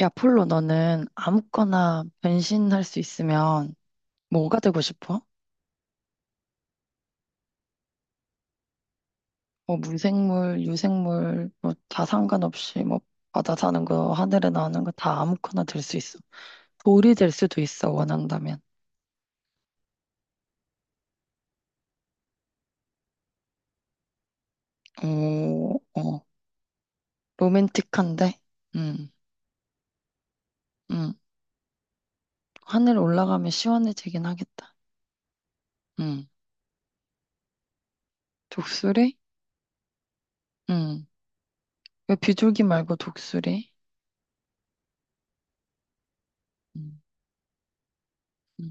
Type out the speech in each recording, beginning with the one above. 야, 폴로, 너는 아무거나 변신할 수 있으면 뭐가 되고 싶어? 뭐 무생물, 유생물, 뭐 다 상관없이 뭐 바다 사는 거, 하늘에 나오는 거 다 아무거나 될 수 있어. 돌이 될 수도 있어, 원한다면. 오, 어, 로맨틱한데? 응, 응. 하늘 올라가면 시원해지긴 하겠다. 응, 독수리? 응. 왜 비둘기 말고 독수리? 응, 응.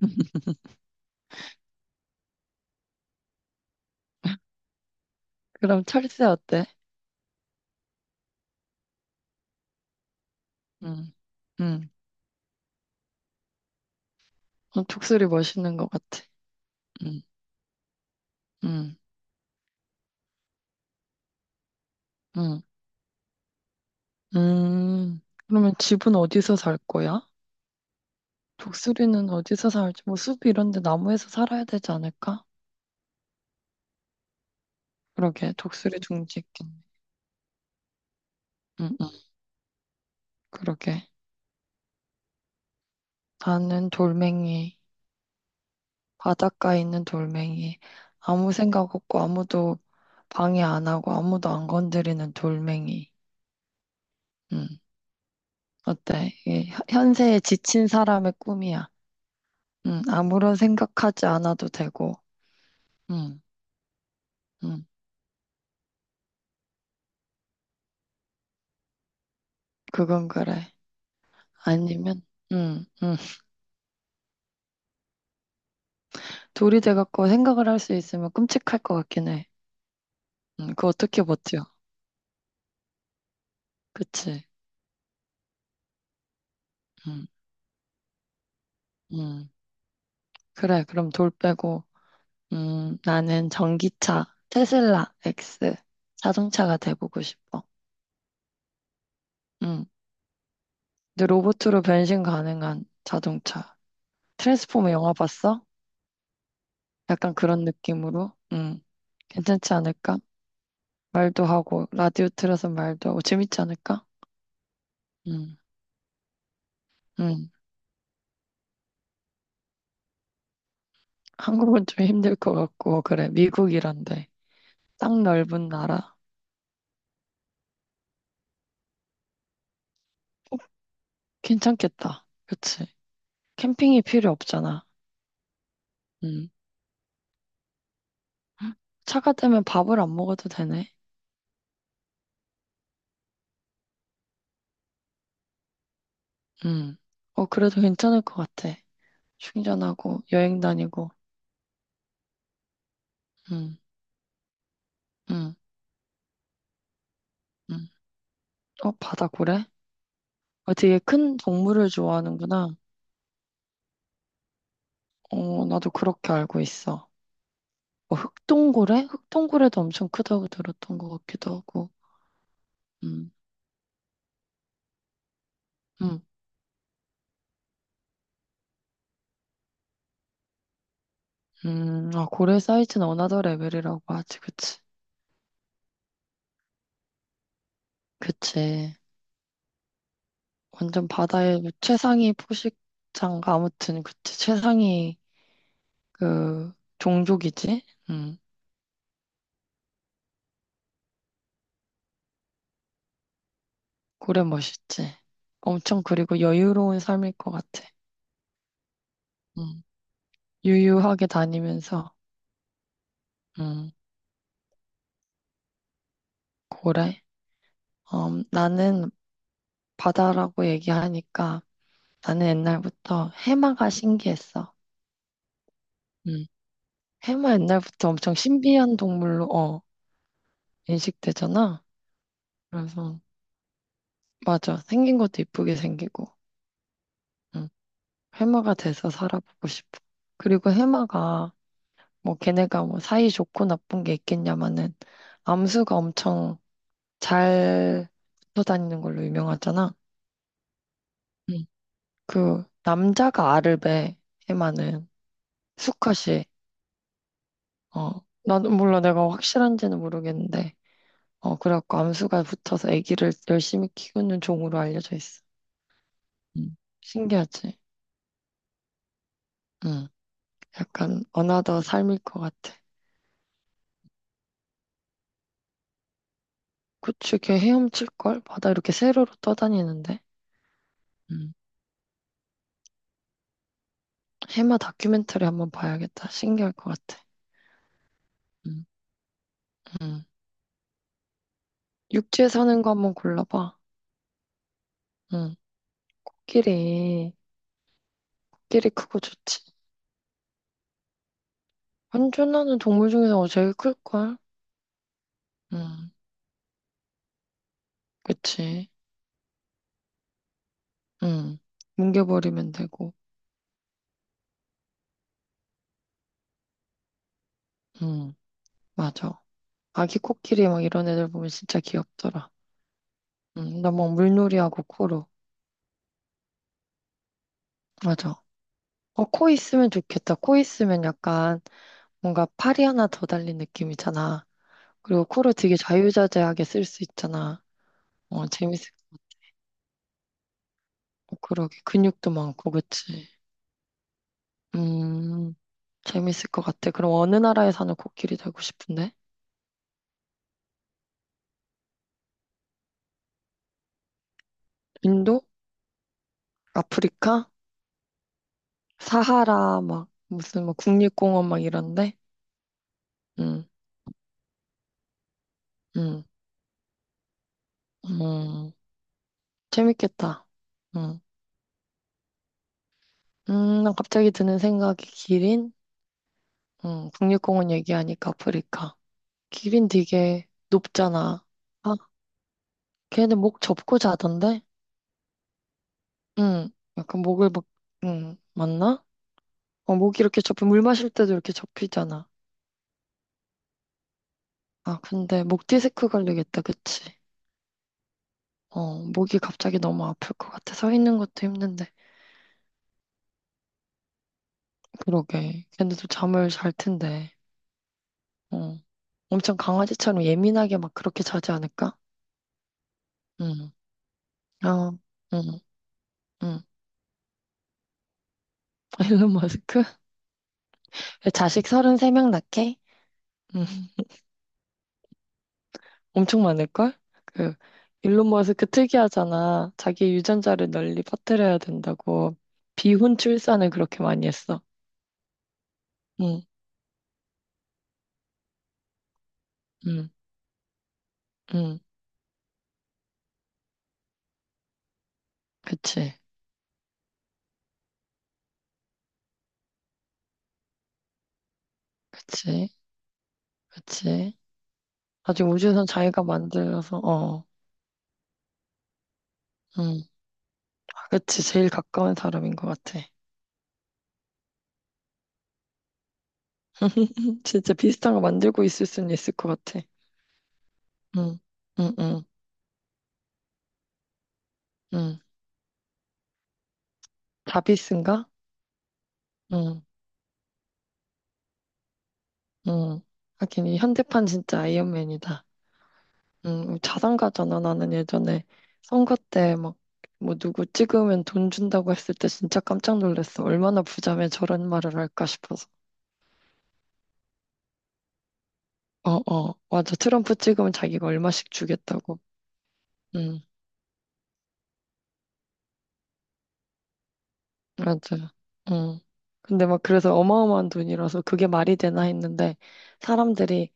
그럼 철새 어때? 응. 음. 어, 독수리 멋있는 것 같아. 음, 음, 음, 음. 그러면 집은 어디서 살 거야? 독수리는 어디서 살지? 뭐 숲 이런 데 나무에서 살아야 되지 않을까? 그러게, 독수리 둥지 있겠네. 응, 응, 그러게. 나는 돌멩이, 바닷가에 있는 돌멩이. 아무 생각 없고 아무도 방해 안 하고 아무도 안 건드리는 돌멩이. 응, 어때? 이게 현세에 지친 사람의 꿈이야. 응, 아무런 생각하지 않아도 되고. 응, 응, 그건 그래. 아니면, 음, 음. 돌이 돼갖고 생각을 할 수 있으면 끔찍할 것 같긴 해. 그거 어떻게 버텨? 그치? 음, 음. 그래, 그럼 돌 빼고, 나는 전기차, 테슬라 X 자동차가 돼보고 싶어. 음. 근데 로봇으로 변신 가능한 자동차. 트랜스포머 영화 봤어? 약간 그런 느낌으로? 괜찮지 않을까? 말도 하고, 라디오 틀어서 말도 하고, 재밌지 않을까? 음, 음. 한국은 좀 힘들 것 같고, 그래, 미국이란데. 땅 넓은 나라. 괜찮겠다. 그치? 캠핑이 필요 없잖아. 음. 차가 되면 밥을 안 먹어도 되네. 음. 어, 그래도 괜찮을 것 같아. 충전하고, 여행 다니고. 음, 음, 음. 어, 바다 고래? 어, 되게 큰 동물을 좋아하는구나. 어, 나도 그렇게 알고 있어. 뭐 흑동고래? 흑동고래도 엄청 크다고 들었던 것 같기도 하고. 음, 음. 아, 고래 사이즈는 어나더 레벨이라고 하지, 그치. 그치. 완전 바다의 최상위 포식자인가? 아무튼, 그치. 최상위, 그, 종족이지? 음, 고래 멋있지. 엄청, 그리고 여유로운 삶일 것 같아. 음, 유유하게 다니면서, 음, 고래? 나는 바다라고 얘기하니까, 나는 옛날부터 해마가 신기했어. 음, 해마 옛날부터 엄청 신비한 동물로, 어, 인식되잖아. 그래서, 맞아. 생긴 것도 이쁘게 생기고. 응. 해마가 돼서 살아보고 싶어. 그리고 해마가 뭐 걔네가 뭐 사이 좋고 나쁜 게 있겠냐마는 암수가 엄청 잘 붙어 다니는 걸로 유명하잖아. 응. 그 남자가 알을 배 해마는 수컷이 어 나도 몰라 내가 확실한지는 모르겠는데 어 그래갖고 암수가 붙어서 아기를 열심히 키우는 종으로 알려져 있어. 응. 신기하지? 응. 약간 어나더 삶일 것 같아. 그치, 걔 헤엄칠걸? 바다 이렇게 세로로 떠다니는데. 음. 해마 다큐멘터리 한번 봐야겠다. 신기할 것 같아. 음. 음. 육지에 사는 거 한번 골라봐. 응. 코끼리. 코끼리 크고 좋지. 환전하는 동물 중에서 제일 클걸? 응. 그치. 응. 뭉개버리면 되고. 응. 맞아. 아기 코끼리 막 이런 애들 보면 진짜 귀엽더라. 응. 나 막 물놀이하고 코로. 맞아. 어, 코 있으면 좋겠다. 코 있으면 약간 뭔가 팔이 하나 더 달린 느낌이잖아. 그리고 코를 되게 자유자재하게 쓸 수 있잖아. 어, 재밌을 것 같아. 그러게. 근육도 많고, 그치? 음, 재밌을 것 같아. 그럼 어느 나라에 사는 코끼리 되고 싶은데? 인도? 아프리카? 사하라, 막, 무슨, 막, 국립공원 막 이런데? 응응 음. 재밌겠다. 응. 난 갑자기 드는 생각이 기린? 응. 국립공원 얘기하니까 아프리카. 기린 되게 높잖아. 아, 걔네 목 접고 자던데? 응. 약간 목을 막, 응. 맞나? 어, 목 이렇게 접히, 물 마실 때도 이렇게 접히잖아. 아, 근데 목 디스크 걸리겠다, 그치? 어, 목이 갑자기 너무 아플 것 같아. 서 있는 것도 힘든데. 그러게. 걔네도 잠을 잘 텐데. 어. 엄청 강아지처럼 예민하게 막 그렇게 자지 않을까? 응. 어, 응, 응. 일론 머스크? 자식 33명 낳게? 엄청 많을걸? 그 일론 머스크 특이하잖아. 자기 유전자를 널리 퍼뜨려야 된다고 비혼 출산을 그렇게 많이 했어. 응, 응, 응. 그치, 그치, 그치. 아직 우주선 자기가 만들어서 어, 응. 아, 그치, 제일 가까운 사람인 것 같아. 진짜 비슷한 거 만들고 있을 수는 있을 것 같아. 응, 응, 응, 응. 자비스인가? 응, 응. 하긴 이 현대판 진짜 아이언맨이다. 자산가잖아. 나는 예전에 선거 때 막, 뭐 누구 찍으면 돈 준다고 했을 때 진짜 깜짝 놀랐어. 얼마나 부자면 저런 말을 할까 싶어서. 어, 어, 맞아. 트럼프 찍으면 자기가 얼마씩 주겠다고. 응, 맞아. 응. 근데 막 그래서 어마어마한 돈이라서 그게 말이 되나 했는데 사람들이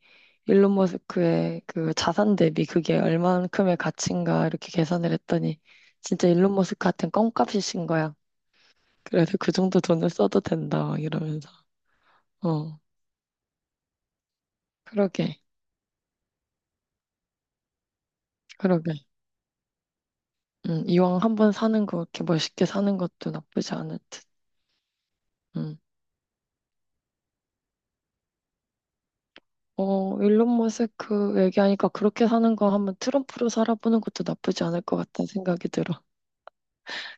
일론 머스크의 그 자산 대비 그게 얼만큼의 가치인가 이렇게 계산을 했더니 진짜 일론 머스크한테는 껌값이신 거야. 그래서 그 정도 돈을 써도 된다, 막 이러면서. 어, 그러게, 그러게. 이왕 한 번 사는 거, 이렇게 멋있게 사는 것도 나쁘지 않을 듯. 음. 어, 일론 머스크 얘기하니까 그렇게 사는 거 한번 트럼프로 살아보는 것도 나쁘지 않을 것 같다는 생각이 들어.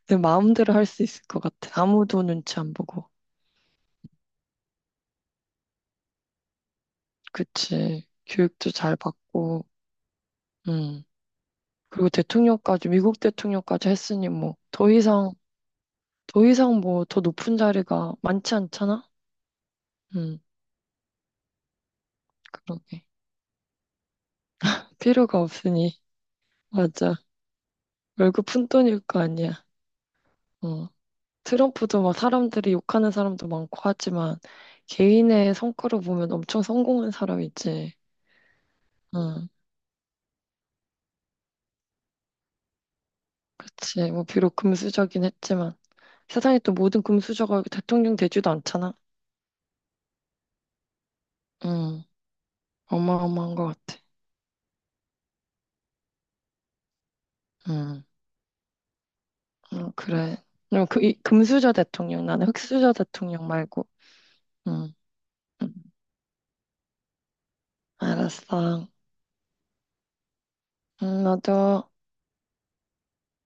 내 마음대로 할 수 있을 것 같아. 아무도 눈치 안 보고. 그치. 교육도 잘 받고, 음. 그리고 대통령까지, 미국 대통령까지 했으니 뭐, 더 이상, 더 이상 뭐, 더 높은 자리가 많지 않잖아? 음, 그러게. 필요가 없으니. 맞아. 월급 푼돈일 거 아니야. 어. 트럼프도 막 사람들이 욕하는 사람도 많고 하지만 개인의 성과로 보면 엄청 성공한 사람이지. 응. 그치. 뭐 비록 금수저긴 했지만 세상에 또 모든 금수저가 대통령 되지도 않잖아. 응. 어마어마한 것 같아. 응. 응, 그래. 그럼 그, 이, 금수저 대통령, 나는 흑수저 대통령 말고. 응. 응. 알았어. 응, 나도.